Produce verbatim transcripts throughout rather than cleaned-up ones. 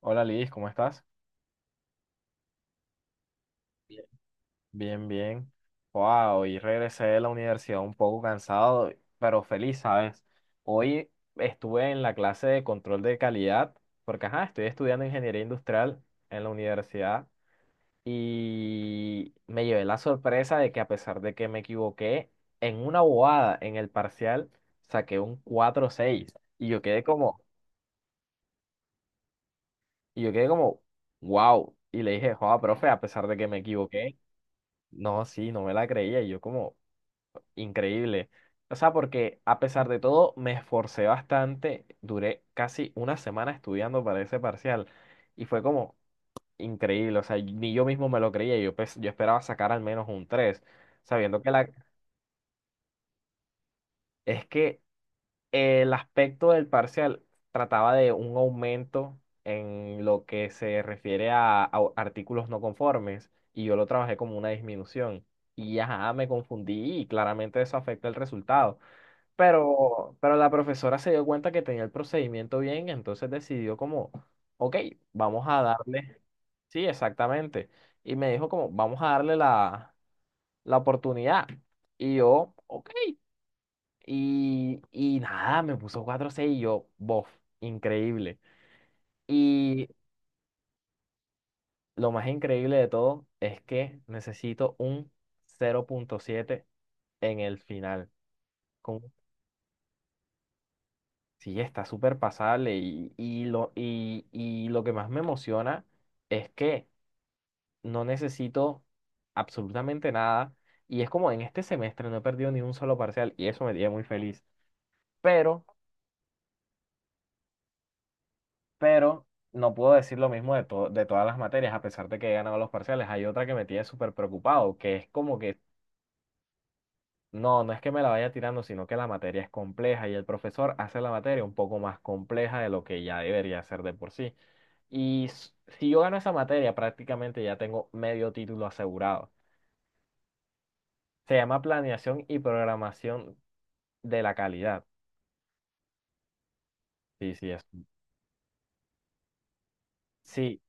Hola Liz, ¿cómo estás? Bien. Bien, bien. Wow, hoy regresé de la universidad un poco cansado, pero feliz, ¿sabes? Hoy estuve en la clase de control de calidad, porque ajá, estoy estudiando ingeniería industrial en la universidad y me llevé la sorpresa de que, a pesar de que me equivoqué en una bobada en el parcial, saqué un cuatro seis. y yo quedé como, y yo quedé como, wow. Y le dije, joda, profe, a pesar de que me equivoqué. No, sí, no me la creía. y Yo como increíble. O sea, porque a pesar de todo me esforcé bastante. Duré casi una semana estudiando para ese parcial. Y fue como increíble. O sea, ni yo mismo me lo creía. Yo, pues, yo esperaba sacar al menos un tres. Sabiendo que la... Es que el aspecto del parcial trataba de un aumento en lo que se refiere a, a artículos no conformes, y yo lo trabajé como una disminución. Y ajá, me confundí y claramente eso afecta el resultado. Pero, pero la profesora se dio cuenta que tenía el procedimiento bien, entonces decidió como, ok, vamos a darle, sí, exactamente. Y me dijo como, vamos a darle la, la oportunidad. Y yo, ok. Y, y nada, me puso cuatro seis y yo, bof, increíble. Y lo más increíble de todo es que necesito un cero punto siete en el final. Con, sí, está súper pasable. Y, y, lo, y, y lo que más me emociona es que no necesito absolutamente nada. Y es como en este semestre no he perdido ni un solo parcial y eso me tiene muy feliz. Pero pero no puedo decir lo mismo de, to- de todas las materias, a pesar de que he ganado los parciales. Hay otra que me tiene súper preocupado, que es como que, no, no es que me la vaya tirando, sino que la materia es compleja y el profesor hace la materia un poco más compleja de lo que ya debería ser de por sí. Y s- si yo gano esa materia, prácticamente ya tengo medio título asegurado. Se llama Planeación y Programación de la Calidad. Sí, sí, es. Sí,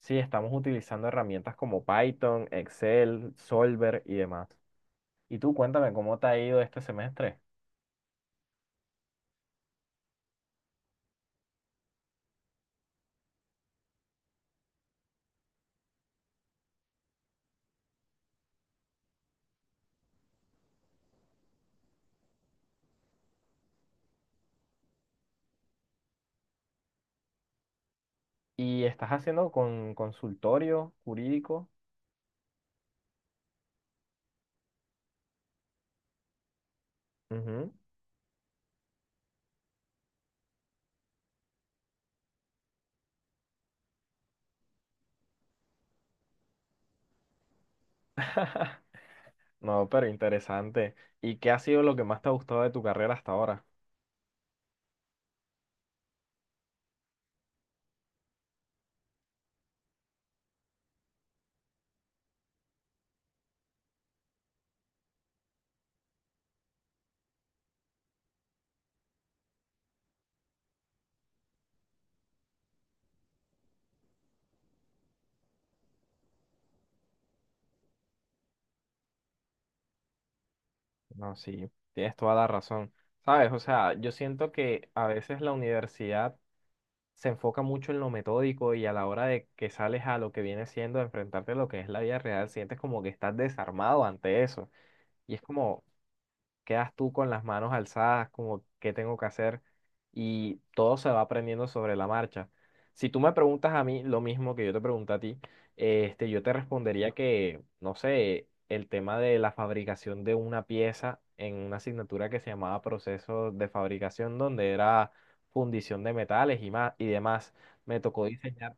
sí, estamos utilizando herramientas como Python, Excel, Solver y demás. Y tú cuéntame cómo te ha ido este semestre. ¿Y estás haciendo con consultorio jurídico? Ujú. No, pero interesante. ¿Y qué ha sido lo que más te ha gustado de tu carrera hasta ahora? No, sí, tienes toda la razón. Sabes, o sea, yo siento que a veces la universidad se enfoca mucho en lo metódico y a la hora de que sales a lo que viene siendo enfrentarte a lo que es la vida real, sientes como que estás desarmado ante eso. Y es como, quedas tú con las manos alzadas, como qué tengo que hacer, y todo se va aprendiendo sobre la marcha. Si tú me preguntas a mí lo mismo que yo te pregunté a ti, este, yo te respondería que, no sé, el tema de la fabricación de una pieza en una asignatura que se llamaba proceso de fabricación, donde era fundición de metales y más y demás, me tocó diseñar,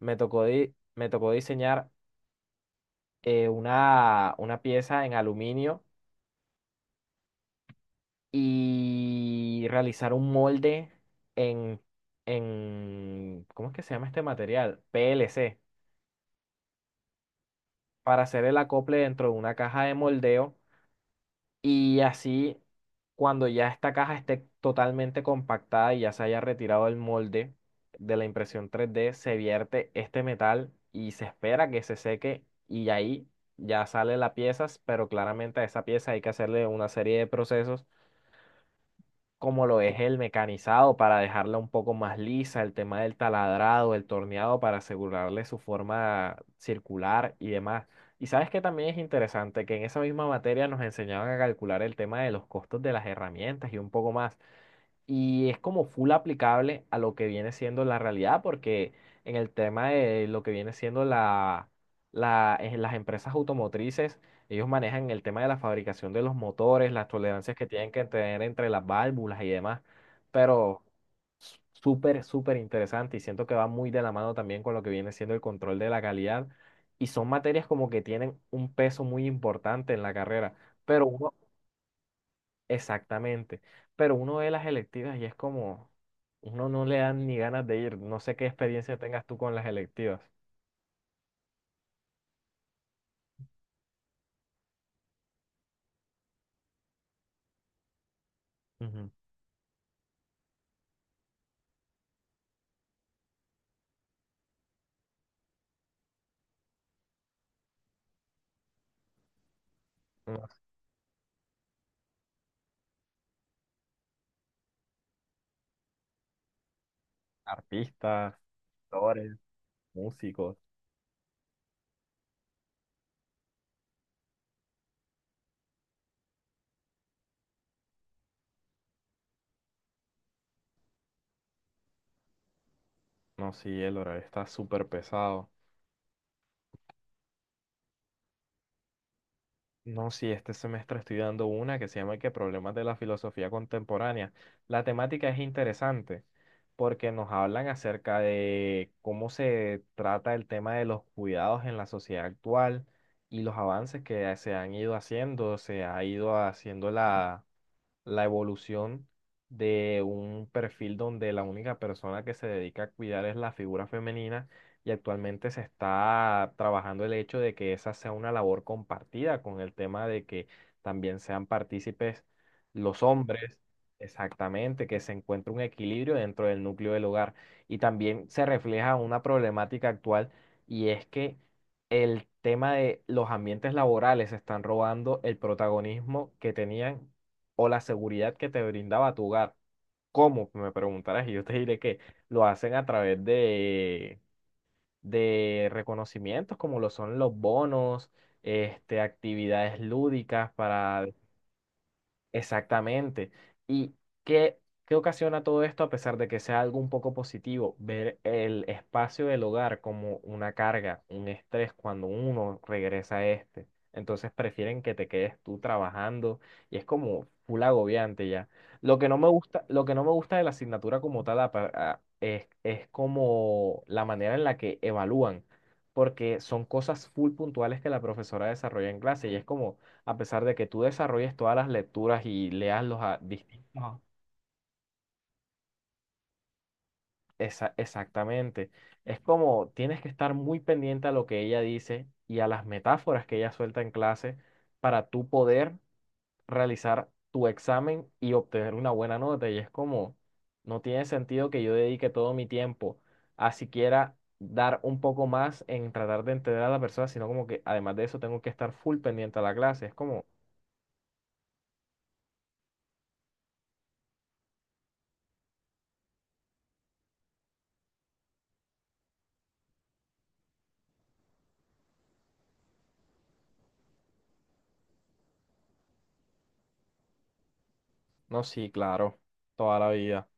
me tocó di- me tocó diseñar eh, una, una pieza en aluminio y realizar un molde en, en, ¿cómo es que se llama este material? P L C, para hacer el acople dentro de una caja de moldeo, y así cuando ya esta caja esté totalmente compactada y ya se haya retirado el molde de la impresión tres d, se vierte este metal y se espera que se seque y ahí ya sale la pieza. Pero claramente a esa pieza hay que hacerle una serie de procesos, como lo es el mecanizado para dejarla un poco más lisa, el tema del taladrado, el torneado para asegurarle su forma circular y demás. Y sabes que también es interesante que en esa misma materia nos enseñaban a calcular el tema de los costos de las herramientas y un poco más. Y es como full aplicable a lo que viene siendo la realidad, porque en el tema de lo que viene siendo la, la- en las empresas automotrices, ellos manejan el tema de la fabricación de los motores, las tolerancias que tienen que tener entre las válvulas y demás. Pero s- súper, súper interesante, y siento que va muy de la mano también con lo que viene siendo el control de la calidad. Y son materias como que tienen un peso muy importante en la carrera. Pero uno, Exactamente. Pero uno ve las electivas y es como, uno no le dan ni ganas de ir. No sé qué experiencia tengas tú con las electivas. Ujú. No sé, artistas, actores, músicos. No, sí, el horario está súper pesado. No, sí, este semestre estoy dando una que se llama que Problemas de la filosofía contemporánea. La temática es interesante porque nos hablan acerca de cómo se trata el tema de los cuidados en la sociedad actual y los avances que se han ido haciendo, se ha ido haciendo la la evolución de un perfil donde la única persona que se dedica a cuidar es la figura femenina, y actualmente se está trabajando el hecho de que esa sea una labor compartida con el tema de que también sean partícipes los hombres. Exactamente, que se encuentre un equilibrio dentro del núcleo del hogar. Y también se refleja una problemática actual, y es que el tema de los ambientes laborales están robando el protagonismo que tenían o la seguridad que te brindaba tu hogar. ¿Cómo? Me preguntarás, y yo te diré que lo hacen a través de, de reconocimientos como lo son los bonos, este, actividades lúdicas para... Exactamente. ¿Y qué, qué ocasiona todo esto a pesar de que sea algo un poco positivo? Ver el espacio del hogar como una carga, un estrés cuando uno regresa a este. Entonces prefieren que te quedes tú trabajando y es como full agobiante ya. Lo que no me gusta, lo que no me gusta de la asignatura como tal apa- a- es, es como la manera en la que evalúan, porque son cosas full puntuales que la profesora desarrolla en clase y es como, a pesar de que tú desarrolles todas las lecturas y leas los a- distintos. Esa- exactamente. Es como tienes que estar muy pendiente a lo que ella dice y a las metáforas que ella suelta en clase para tú poder realizar tu examen y obtener una buena nota. Y es como, no tiene sentido que yo dedique todo mi tiempo a siquiera dar un poco más en tratar de entender a la persona, sino como que además de eso tengo que estar full pendiente a la clase. Es como, no, sí, claro, toda la vida.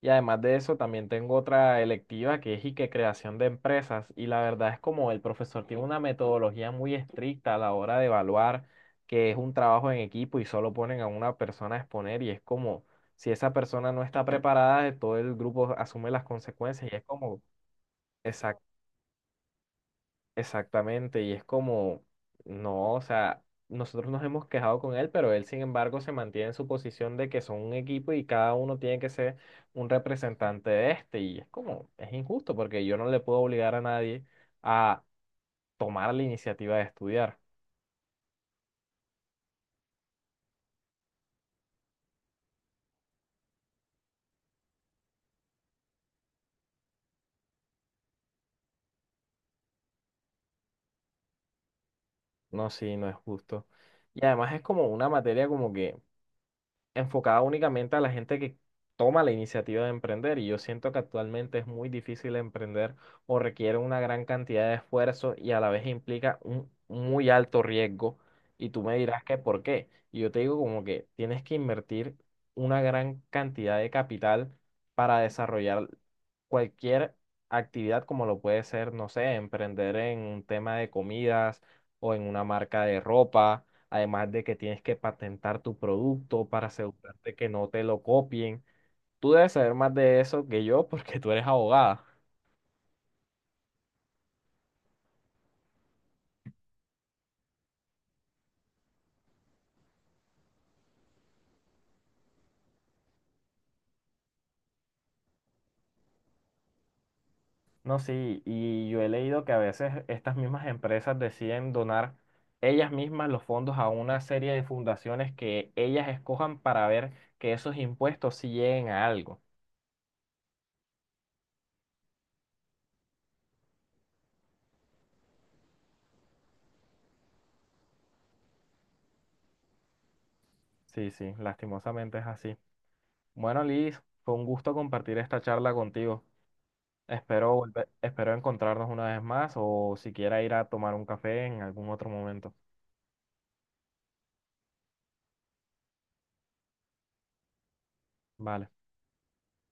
Y además de eso, también tengo otra electiva que es, y que creación de empresas. Y la verdad es como el profesor tiene una metodología muy estricta a la hora de evaluar, que es un trabajo en equipo y solo ponen a una persona a exponer y es como, si esa persona no está preparada, todo el grupo asume las consecuencias y es como... Exactamente, y es como, no, o sea, nosotros nos hemos quejado con él, pero él sin embargo se mantiene en su posición de que son un equipo y cada uno tiene que ser un representante de este, y es como, es injusto porque yo no le puedo obligar a nadie a tomar la iniciativa de estudiar. No, sí, no es justo. Y además es como una materia como que enfocada únicamente a la gente que toma la iniciativa de emprender, y yo siento que actualmente es muy difícil emprender o requiere una gran cantidad de esfuerzo y a la vez implica un muy alto riesgo, y tú me dirás que por qué. Y yo te digo como que tienes que invertir una gran cantidad de capital para desarrollar cualquier actividad como lo puede ser, no sé, emprender en un tema de comidas o en una marca de ropa. Además de que tienes que patentar tu producto para asegurarte que no te lo copien. Tú debes saber más de eso que yo porque tú eres abogada. No, sí, y yo he leído que a veces estas mismas empresas deciden donar ellas mismas los fondos a una serie de fundaciones que ellas escojan para ver que esos impuestos sí lleguen a algo. Sí, sí, lastimosamente es así. Bueno, Liz, fue un gusto compartir esta charla contigo. Espero volver- espero encontrarnos una vez más o siquiera ir a tomar un café en algún otro momento. Vale.